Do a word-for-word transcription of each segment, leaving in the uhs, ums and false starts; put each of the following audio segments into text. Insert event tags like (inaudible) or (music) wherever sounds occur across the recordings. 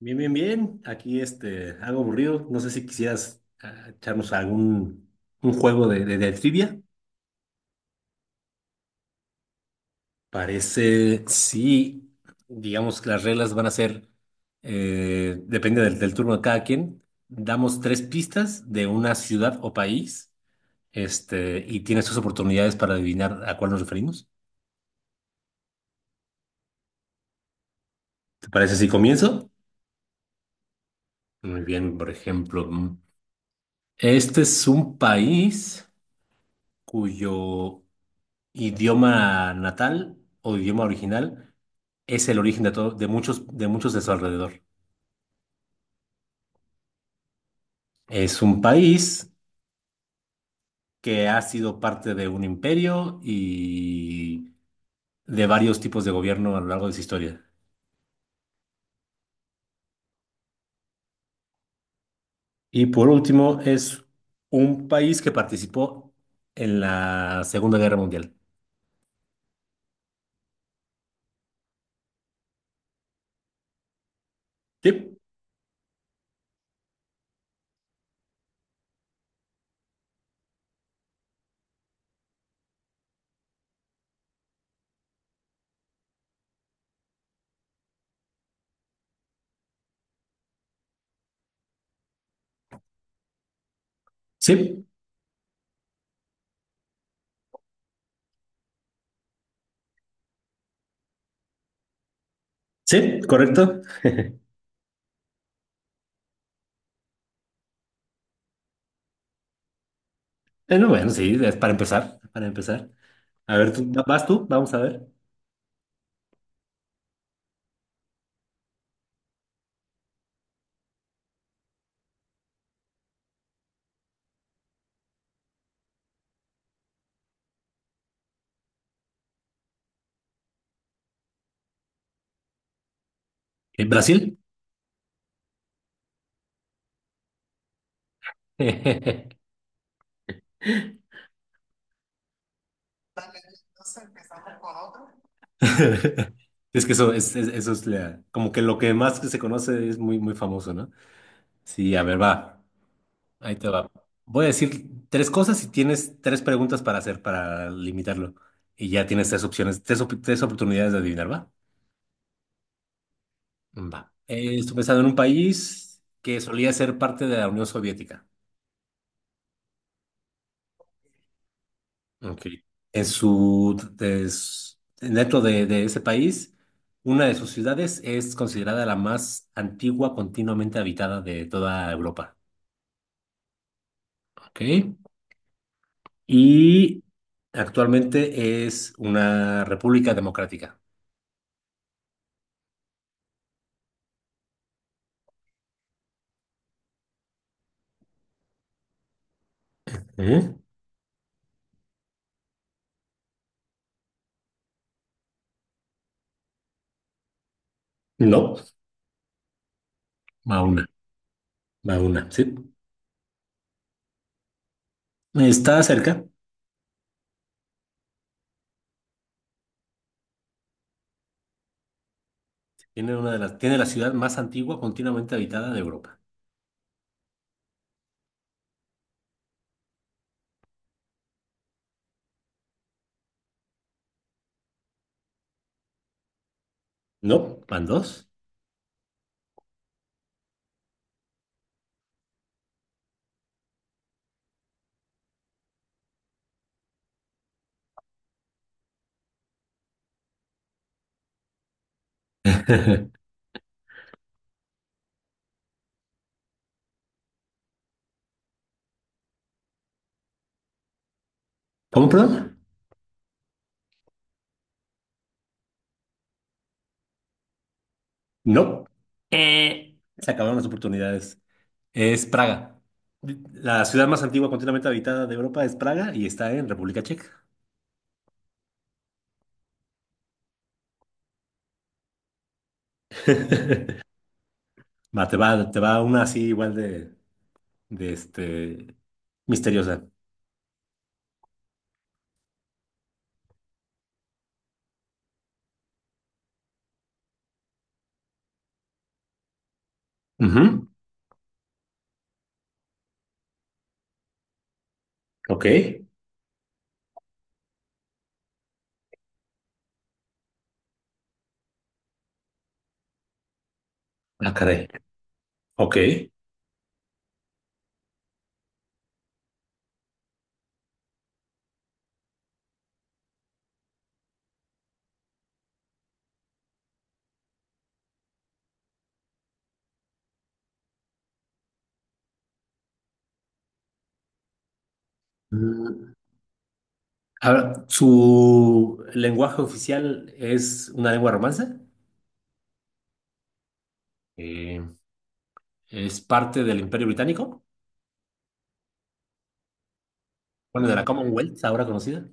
Bien, bien, bien. Aquí este, algo aburrido. No sé si quisieras ah, echarnos algún un juego de, de, de trivia. Parece, sí, digamos que las reglas van a ser, eh, depende del, del turno de cada quien. Damos tres pistas de una ciudad o país, este, y tienes tus oportunidades para adivinar a cuál nos referimos. ¿Te parece si comienzo? Muy bien, por ejemplo, mm, este es un país cuyo idioma natal o idioma original es el origen de, todo- de muchos, de muchos de su alrededor. Es un país que ha sido parte de un imperio y de varios tipos de gobierno a lo largo de su historia. Y por último, es un país que participó en la Segunda Guerra Mundial. Sí, sí, sí, correcto. (laughs) Eh, no, bueno, sí, es para empezar, para empezar. A ver, tú, ¿vas tú? Vamos a ver. ¿Eh, ¿Brasil? (laughs) Sí, (laughs) Es que eso es, es- eso es la- como que lo que más que se conoce es muy, muy famoso, ¿no? Sí, a ver, va. Ahí te va. Voy a decir tres cosas y tienes tres preguntas para hacer, para limitarlo. Y ya tienes tres opciones, tres, op- tres oportunidades de adivinar, ¿va? Va. Eh, estoy pensando en un país que solía ser parte de la Unión Soviética. Ok. En su des- dentro de, de ese país, una de sus ciudades es considerada la más antigua continuamente habitada de toda Europa. Ok. Y actualmente es una república democrática. ¿Eh? No, va una, va una, sí. Está cerca. Tiene una de las, tiene la ciudad más antigua continuamente habitada de Europa. No, van dos. (laughs) ¿Cómo, perdón? No, se acabaron las oportunidades. Es Praga. La ciudad más antigua continuamente habitada de Europa es Praga y está en República Checa. (laughs) Va, te va, te va una así igual de, de este, misteriosa. Ujú. Ok. Ah, caray. Ok. Mm, ahora, ¿su lenguaje oficial es una lengua romance? Eh, ¿es parte del Imperio Británico? Bueno, de la Commonwealth, ahora conocida.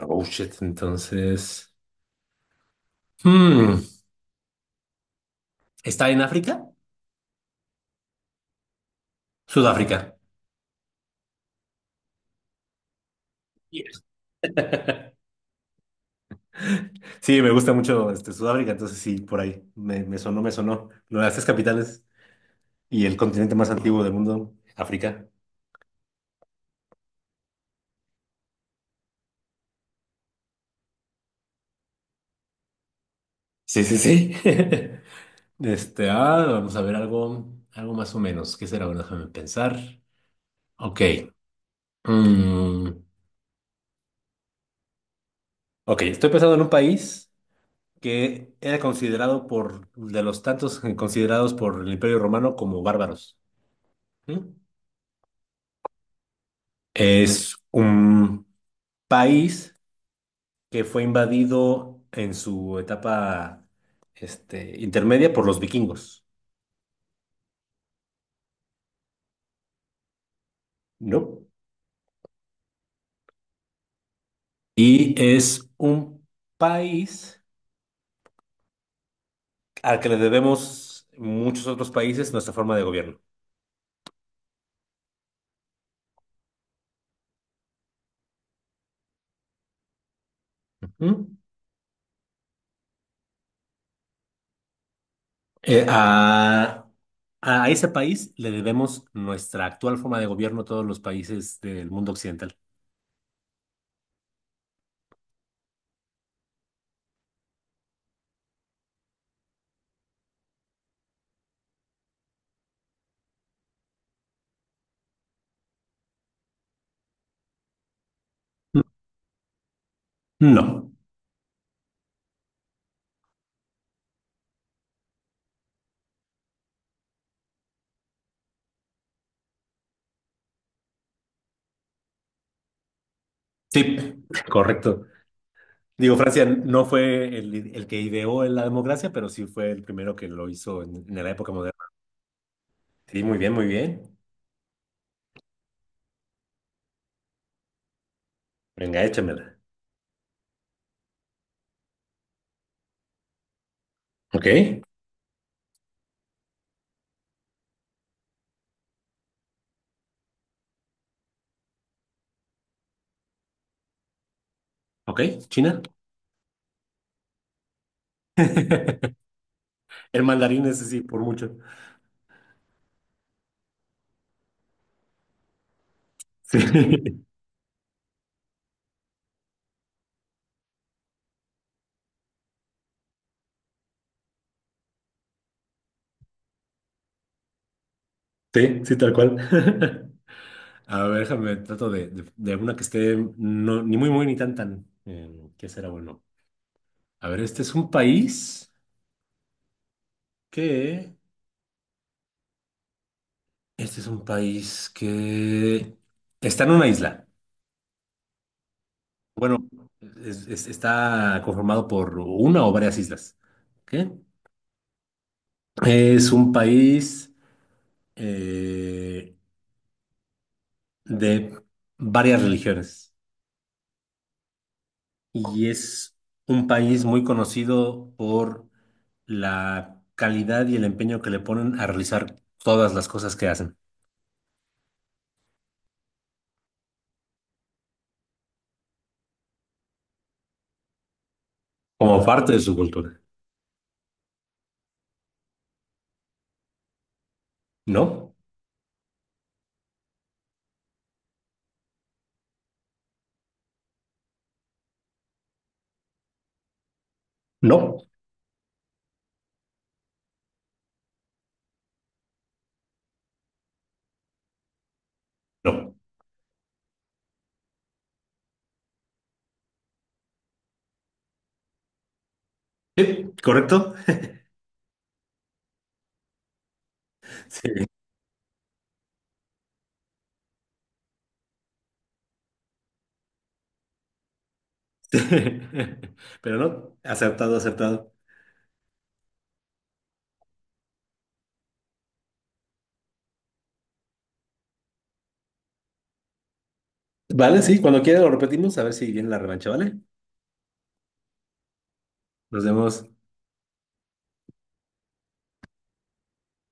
Oh, shit, entonces. Hmm, ¿Está en África? Sudáfrica. Sí, me gusta mucho este, Sudáfrica, entonces sí, por ahí me, me sonó, me sonó. Lo de las tres capitales y el continente más antiguo del mundo, África. Sí, sí, sí. (laughs) Este, ah, vamos a ver algo, algo más o menos. ¿Qué será? Bueno, déjame pensar. Ok. mm, ok, estoy pensando en un país que era considerado por, de los tantos considerados por el Imperio Romano como bárbaros. ¿Mm? Es un país que fue invadido en su etapa este, intermedia por los vikingos, ¿no? Y es un país al que le debemos muchos otros países nuestra forma de gobierno. Ujú. Eh, a, a ese país le debemos nuestra actual forma de gobierno a todos los países del mundo occidental. No. Sí, correcto. Digo, Francia no fue el, el que ideó la democracia, pero sí fue el primero que lo hizo en en la época moderna. Sí, muy bien, muy bien. Venga, échamela. Ok, ¿ok? ¿China? (laughs) El mandarín ese sí, por mucho. Sí, (laughs) sí, sí, tal cual. (laughs) A ver, déjame, trato de, de, de una que esté no, ni muy, muy, ni tan, tan. Eh, ¿qué será bueno? A ver, este es un país que... Este es un país que está en una isla. Bueno, es- es- está conformado por una o varias islas. ¿Qué? Es un país... eh, de varias religiones y es un país muy conocido por la calidad y el empeño que le ponen a realizar todas las cosas que hacen como parte de su cultura. ¿No? No, no. ¿Correcto? Sí. (laughs) Pero no, acertado, acertado. Vale, sí, cuando quiera lo repetimos, a ver si viene la revancha, ¿vale? Nos vemos.